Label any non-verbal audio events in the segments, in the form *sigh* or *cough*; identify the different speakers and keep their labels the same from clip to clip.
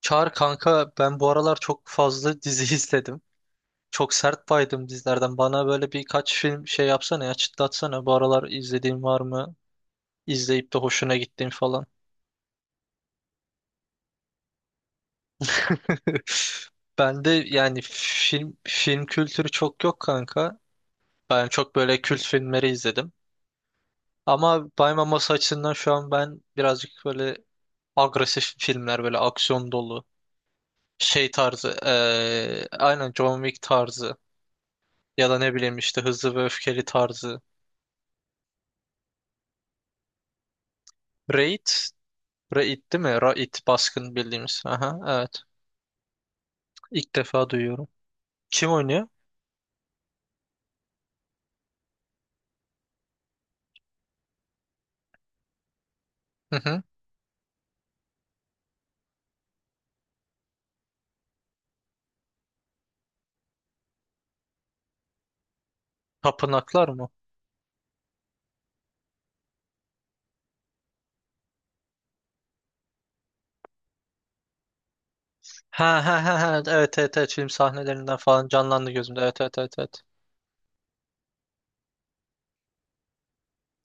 Speaker 1: Çağır kanka, ben bu aralar çok fazla *laughs* dizi izledim. Çok sert baydım dizilerden. Bana böyle birkaç film şey yapsana ya, çıtlatsana. Bu aralar izlediğin var mı? İzleyip de hoşuna gittiğin falan. *laughs* Ben de yani film kültürü çok yok kanka. Ben çok böyle kült filmleri izledim. Ama baymaması açısından şu an ben birazcık böyle agresif filmler, böyle aksiyon dolu şey tarzı, aynen John Wick tarzı ya da ne bileyim işte Hızlı ve Öfkeli tarzı. Raid, Raid değil mi? Raid, baskın bildiğimiz. Aha, evet. İlk defa duyuyorum. Kim oynuyor? Hı hı. Tapınaklar mı? Ha ha ha ha. Evet, evet, evet. Film sahnelerinden falan canlandı gözümde. Evet, evet, evet, evet.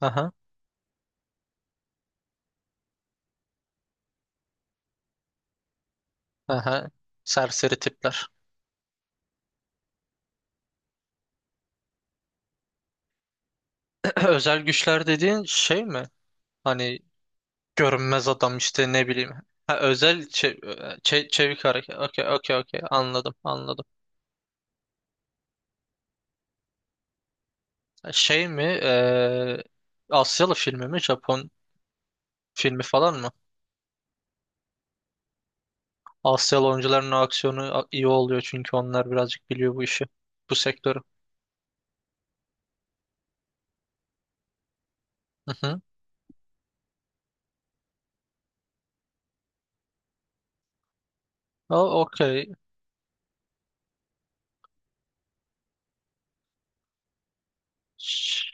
Speaker 1: Aha. Aha. Serseri tipler. *clears throat* Özel güçler dediğin şey mi? Hani görünmez adam işte, ne bileyim. Ha, özel çevik hareket. Okey, okey, okey. Anladım, anladım. Şey mi? Asyalı filmi mi? Japon filmi falan mı? Asyalı oyuncuların o aksiyonu iyi oluyor, çünkü onlar birazcık biliyor bu işi. Bu sektörü. Hı hı. Okey. Ş-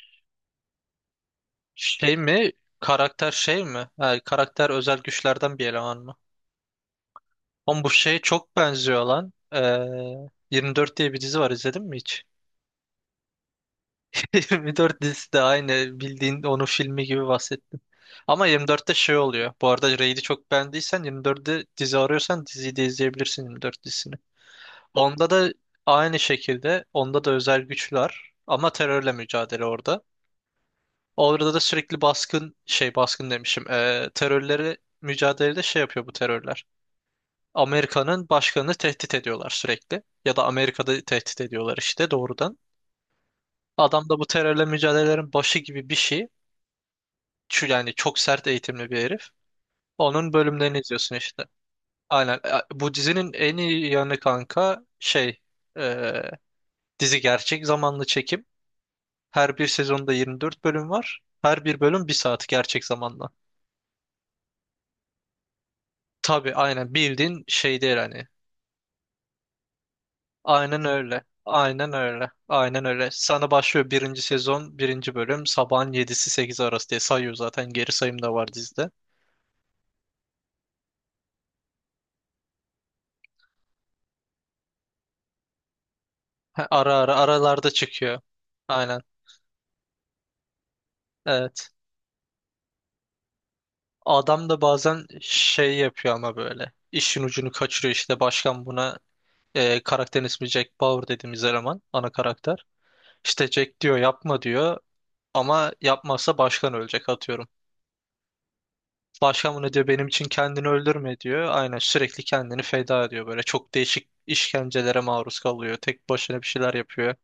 Speaker 1: Şey mi? Karakter şey mi? Ha, karakter özel güçlerden bir eleman mı? Oğlum bu şey çok benziyor lan. 24 diye bir dizi var, izledin mi hiç? *laughs* 24 dizisi de aynı bildiğin onun filmi gibi bahsettim. Ama 24'te şey oluyor. Bu arada Raid'i çok beğendiysen, 24'te dizi arıyorsan diziyi de izleyebilirsin. 24 onda da aynı şekilde, onda da özel güçler ama terörle mücadele orada. Orada da sürekli baskın, şey, baskın demişim. Terörleri mücadelede şey yapıyor bu terörler. Amerika'nın başkanını tehdit ediyorlar sürekli. Ya da Amerika'da tehdit ediyorlar işte doğrudan. Adam da bu terörle mücadelelerin başı gibi bir şey. Şu yani çok sert eğitimli bir herif. Onun bölümlerini izliyorsun işte. Aynen. Bu dizinin en iyi yanı kanka şey, eee, dizi gerçek zamanlı çekim. Her bir sezonda 24 bölüm var. Her bir bölüm bir saat gerçek zamanla. Tabii aynen bildiğin şey değil hani. Aynen öyle. Aynen öyle. Aynen öyle. Sana başlıyor birinci sezon, birinci bölüm. Sabahın 7'si 8'i arası diye sayıyor zaten. Geri sayım da var dizide. Ha, ara ara aralarda çıkıyor. Aynen. Evet. Adam da bazen şey yapıyor ama böyle. İşin ucunu kaçırıyor işte. Başkan buna, karakterin ismi Jack Bauer dediğimiz eleman. Ana karakter. İşte Jack diyor, yapma diyor. Ama yapmazsa başkan ölecek atıyorum. Başkan bunu diyor, benim için kendini öldürme diyor. Aynen sürekli kendini feda ediyor böyle. Çok değişik işkencelere maruz kalıyor. Tek başına bir şeyler yapıyor.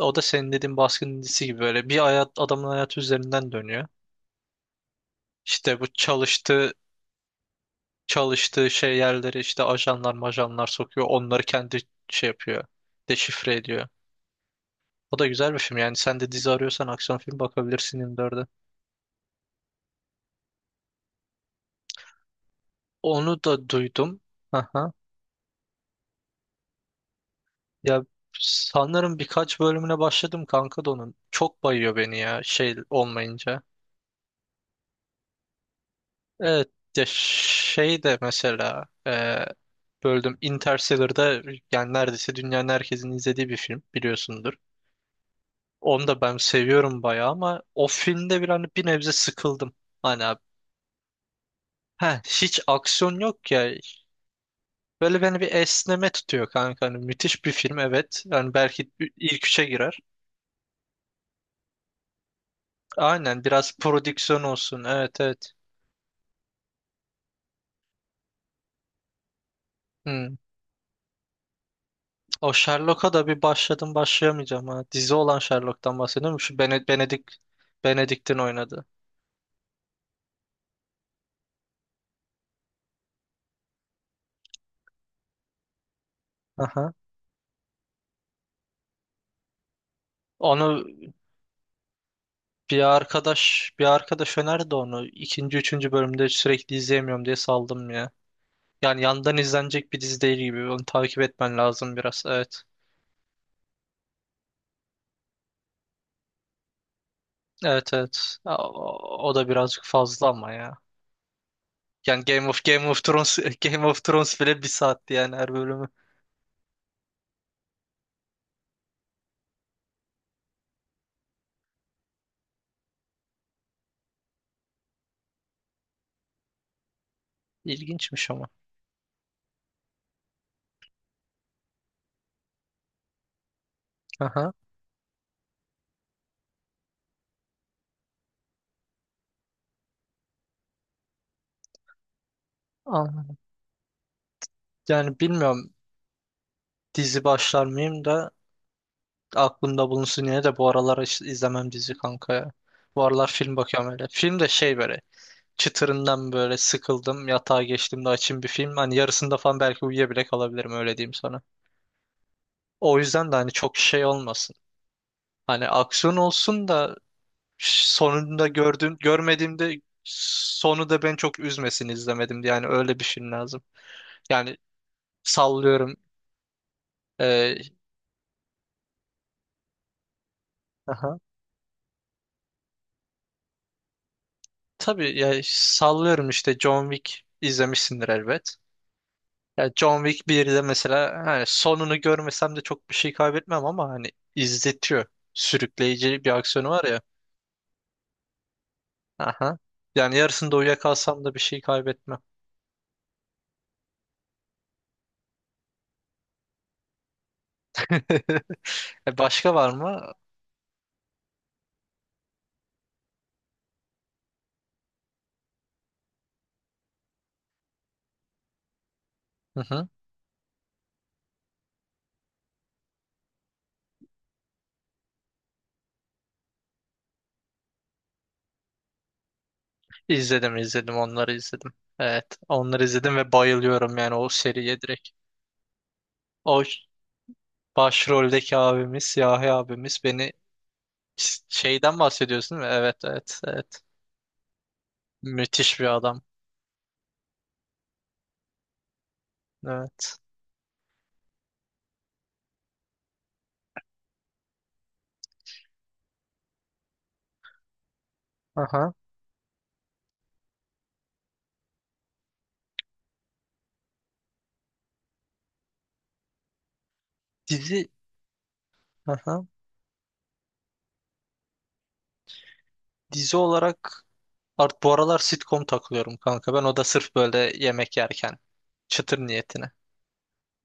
Speaker 1: O da senin dediğin baskıncısı gibi, böyle bir hayat, adamın hayatı üzerinden dönüyor. İşte bu çalıştığı şey yerleri işte ajanlar majanlar sokuyor. Onları kendi şey yapıyor. Deşifre ediyor. O da güzel bir film. Yani sen de dizi arıyorsan, aksiyon film bakabilirsin 24'e. Onu da duydum. *laughs* Ya, sanırım birkaç bölümüne başladım kanka da onun. Çok bayıyor beni ya, şey olmayınca. Evet, ya şey de mesela, böldüm Interstellar'da, yani neredeyse dünyanın herkesin izlediği bir film biliyorsundur. Onu da ben seviyorum bayağı ama o filmde bir, hani bir nebze sıkıldım. Hani abi, heh, hiç aksiyon yok ya. Böyle beni bir esneme tutuyor kanka. Hani müthiş bir film, evet. Yani belki ilk üçe girer. Aynen, biraz prodüksiyon olsun. Evet, evet. Hı. O Sherlock'a da bir başladım, başlayamayacağım ha. Dizi olan Sherlock'tan bahsediyorum. Şu Benedict'in oynadı. Aha. Onu bir arkadaş önerdi onu. İkinci, üçüncü bölümde sürekli izleyemiyorum diye saldım ya. Yani yandan izlenecek bir dizi değil gibi. Onu takip etmen lazım biraz. Evet. Evet, evet. Ya, o da birazcık fazla ama ya. Yani Game of Thrones *laughs* Game of Thrones bile bir saatti, yani her bölümü. İlginçmiş ama. Aha. Aa, yani bilmiyorum dizi başlar mıyım da, aklımda bulunsun yine de. Bu aralar izlemem dizi kanka ya. Bu aralar film bakıyorum öyle. Film de şey, böyle çıtırından böyle sıkıldım. Yatağa geçtiğimde açayım bir film. Hani yarısında falan belki uyuyabile kalabilirim, öyle diyeyim sana. O yüzden de hani çok şey olmasın. Hani aksiyon olsun da sonunda gördüğüm, görmediğimde sonu da beni çok üzmesin izlemedim diye. Yani öyle bir film lazım. Yani sallıyorum. E, aha. Tabii ya sallıyorum işte, John Wick izlemişsindir elbet. Ya John Wick 1'de mesela, hani sonunu görmesem de çok bir şey kaybetmem ama hani izletiyor. Sürükleyici bir aksiyonu var ya. Aha. Yani yarısında uyuyakalsam da bir şey kaybetmem. *laughs* Başka var mı? Hı hı. İzledim, izledim, onları izledim. Evet, onları izledim ve bayılıyorum yani o seriye direkt. O başroldeki abimiz, siyahi abimiz, beni şeyden bahsediyorsun değil mi? Evet, evet, evet. Müthiş bir adam. Evet. Aha. Dizi. Aha. Dizi olarak art, bu aralar sitcom takılıyorum kanka. Ben o da sırf böyle yemek yerken, çıtır niyetine.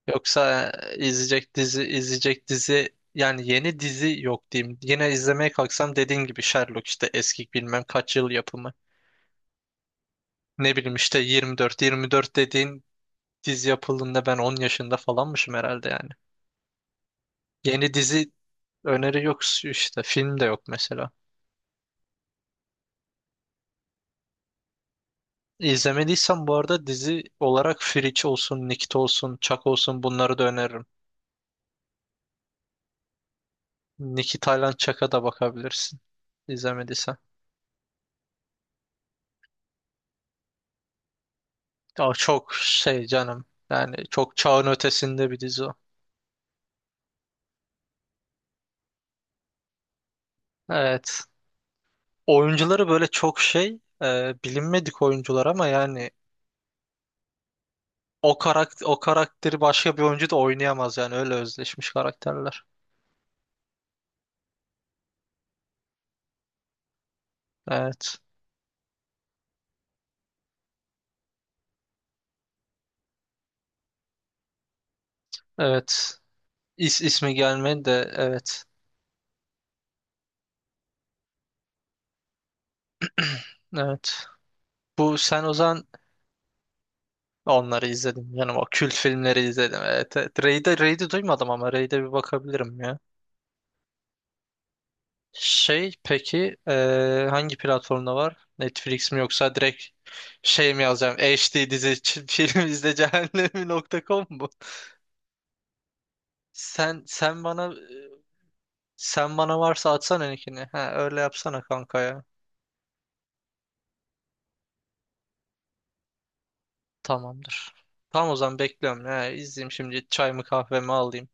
Speaker 1: Yoksa izleyecek dizi, izleyecek dizi yani yeni dizi yok diyeyim. Yine izlemeye kalksam dediğin gibi Sherlock, işte eski bilmem kaç yıl yapımı. Ne bileyim işte 24 dediğin dizi yapıldığında ben 10 yaşında falanmışım herhalde yani. Yeni dizi öneri yok işte, film de yok mesela. İzlemediysen bu arada dizi olarak Fringe olsun, Nikit olsun, Çak olsun, bunları da öneririm. Nikit, Tayland, Çak'a da bakabilirsin izlemediysen. Ya çok şey canım, yani çok çağın ötesinde bir dizi o. Evet. Oyuncuları böyle çok şey, bilinmedik oyuncular ama yani o karakter, o karakteri başka bir oyuncu da oynayamaz yani, öyle özleşmiş karakterler. Evet. Evet. İs ismi gelmedi de, evet. *clears throat* Evet. Bu sen o zaman, onları izledim yani. O kült filmleri izledim. Evet, evet. Raid'e, Raid'i duymadım ama Raid'e bir bakabilirim ya. Şey peki, hangi platformda var? Netflix mi, yoksa direkt şey mi yazacağım? HD dizi *laughs* film izle cehennemi nokta com mu? Sen sen bana sen bana varsa atsana linkini. Ha, öyle yapsana kanka ya. Tamamdır. Tamam, o zaman bekliyorum. Ha, izleyeyim şimdi, çayımı kahvemi alayım.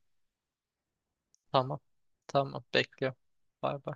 Speaker 1: Tamam. Tamam, bekliyorum. Bay bay.